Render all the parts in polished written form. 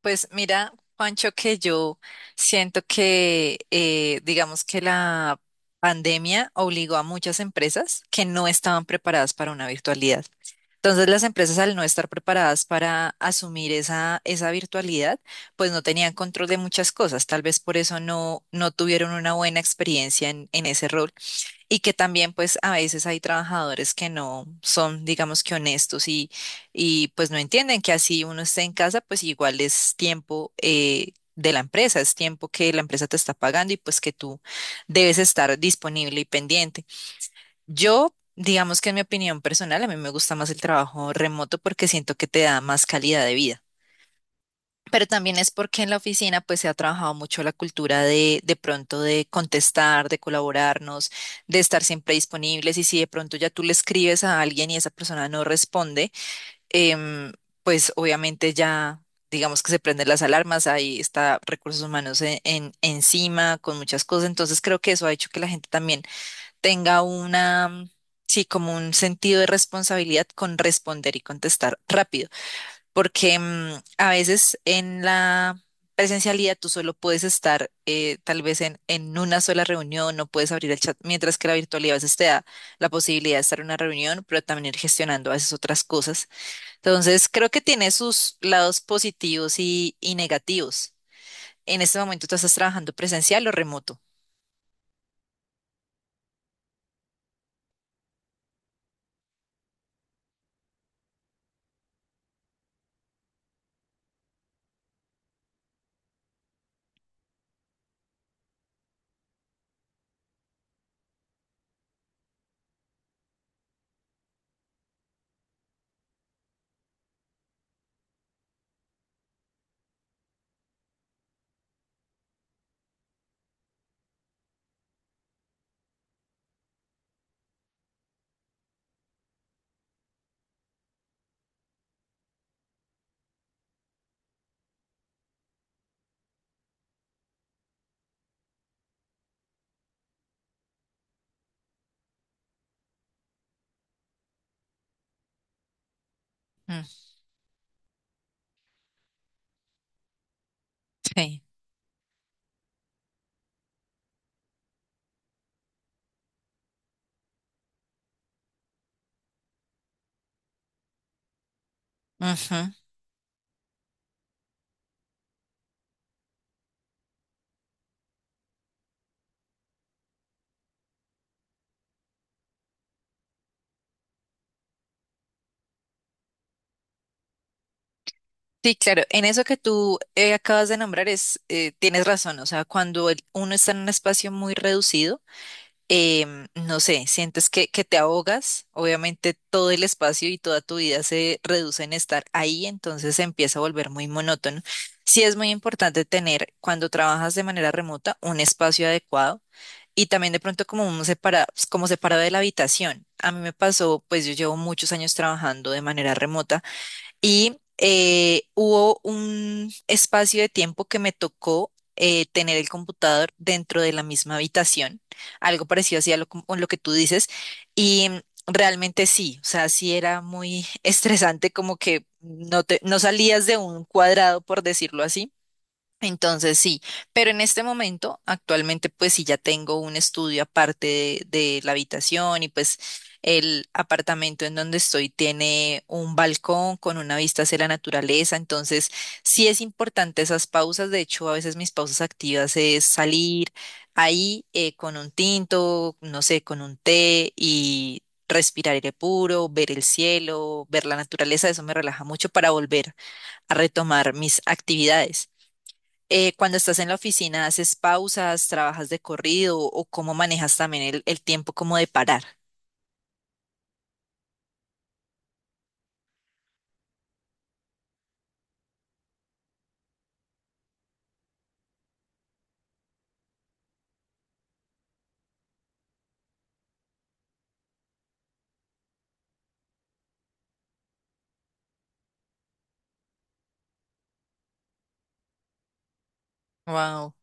Pues mira, Juancho, que yo siento que, digamos que la pandemia obligó a muchas empresas que no estaban preparadas para una virtualidad. Entonces, las empresas al no estar preparadas para asumir esa virtualidad, pues no tenían control de muchas cosas. Tal vez por eso no tuvieron una buena experiencia en ese rol. Y que también pues a veces hay trabajadores que no son, digamos que honestos y pues no entienden que así uno esté en casa, pues igual es tiempo de la empresa, es tiempo que la empresa te está pagando y pues que tú debes estar disponible y pendiente. Yo, digamos que en mi opinión personal, a mí me gusta más el trabajo remoto porque siento que te da más calidad de vida. Pero también es porque en la oficina pues se ha trabajado mucho la cultura de pronto de contestar, de colaborarnos, de estar siempre disponibles y si de pronto ya tú le escribes a alguien y esa persona no responde, em, pues obviamente ya digamos que se prenden las alarmas, ahí está recursos humanos encima con muchas cosas, entonces creo que eso ha hecho que la gente también tenga una, sí, como un sentido de responsabilidad con responder y contestar rápido porque a veces en la presencialidad tú solo puedes estar tal vez en una sola reunión, no puedes abrir el chat, mientras que la virtualidad a veces te da la posibilidad de estar en una reunión, pero también ir gestionando a veces otras cosas. Entonces, creo que tiene sus lados positivos y negativos. En este momento tú estás trabajando presencial o remoto. Mm, sí. Ujú. Sí, claro, en eso que tú acabas de nombrar es, tienes razón, o sea, cuando uno está en un espacio muy reducido, no sé, sientes que te ahogas, obviamente todo el espacio y toda tu vida se reduce en estar ahí, entonces se empieza a volver muy monótono. Sí es muy importante tener, cuando trabajas de manera remota, un espacio adecuado y también de pronto como un separado, como separado de la habitación. A mí me pasó, pues yo llevo muchos años trabajando de manera remota y hubo un espacio de tiempo que me tocó tener el computador dentro de la misma habitación, algo parecido así a lo, lo que tú dices. Y realmente sí, o sea, sí era muy estresante, como que no te, no salías de un cuadrado, por decirlo así. Entonces sí, pero en este momento, actualmente, pues sí ya tengo un estudio aparte de la habitación y pues el apartamento en donde estoy tiene un balcón con una vista hacia la naturaleza, entonces sí es importante esas pausas, de hecho a veces mis pausas activas es salir ahí con un tinto, no sé, con un té y respirar aire puro, ver el cielo, ver la naturaleza, eso me relaja mucho para volver a retomar mis actividades. Cuando estás en la oficina, ¿haces pausas, trabajas de corrido o cómo manejas también el tiempo como de parar? Wow.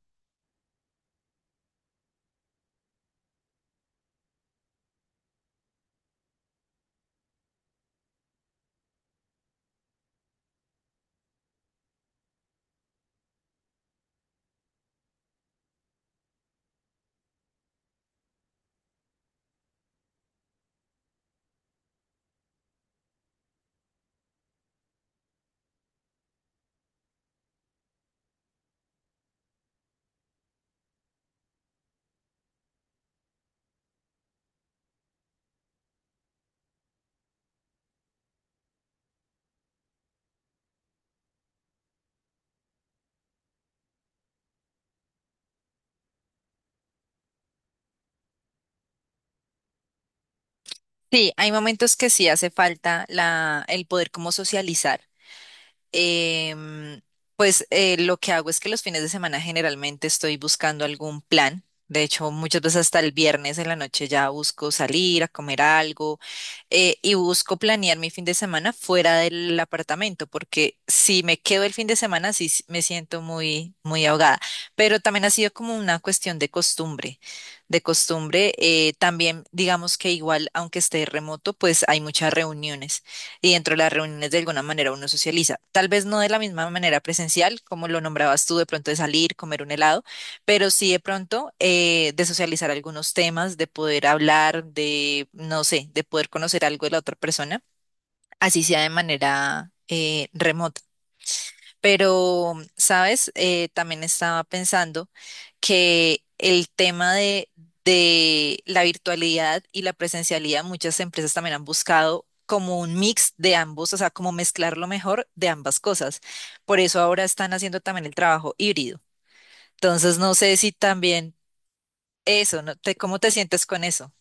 Sí, hay momentos que sí hace falta el poder como socializar. em, pues lo que hago es que los fines de semana generalmente estoy buscando algún plan. De hecho, muchas veces hasta el viernes en la noche ya busco salir a comer algo y busco planear mi fin de semana fuera del apartamento, porque si me quedo el fin de semana sí me siento muy ahogada. Pero también ha sido como una cuestión de costumbre, de costumbre. También digamos que igual, aunque esté remoto, pues hay muchas reuniones y dentro de las reuniones de alguna manera uno socializa. Tal vez no de la misma manera presencial, como lo nombrabas tú, de pronto de salir, comer un helado, pero sí de pronto de socializar algunos temas, de poder hablar, de, no sé, de poder conocer algo de la otra persona, así sea de manera remota. Pero, ¿sabes? También estaba pensando que el tema de la virtualidad y la presencialidad, muchas empresas también han buscado como un mix de ambos, o sea, como mezclar lo mejor de ambas cosas. Por eso ahora están haciendo también el trabajo híbrido. Entonces, no sé si también eso, ¿no? Te- ¿Cómo te sientes con eso?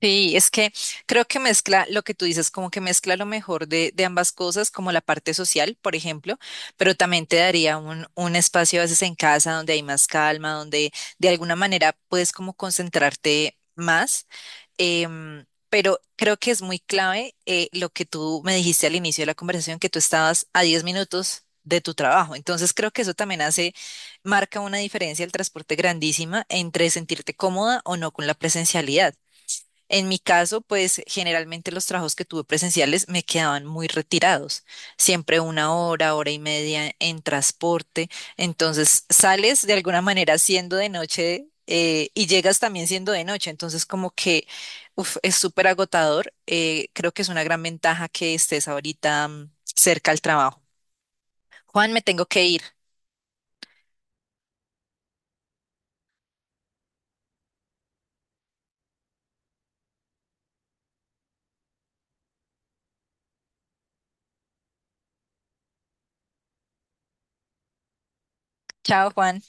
Sí, es que creo que mezcla lo que tú dices, como que mezcla lo mejor de ambas cosas, como la parte social, por ejemplo, pero también te daría un espacio a veces en casa donde hay más calma, donde de alguna manera puedes como concentrarte más. Pero creo que es muy clave lo que tú me dijiste al inicio de la conversación, que tú estabas a 10 minutos de tu trabajo. Entonces creo que eso también hace, marca una diferencia el transporte grandísima entre sentirte cómoda o no con la presencialidad. En mi caso, pues generalmente los trabajos que tuve presenciales me quedaban muy retirados, siempre una hora, hora y media en transporte, entonces sales de alguna manera siendo de noche y llegas también siendo de noche, entonces como que uf, es súper agotador, creo que es una gran ventaja que estés ahorita cerca al trabajo. Juan, me tengo que ir. Chao, Juan.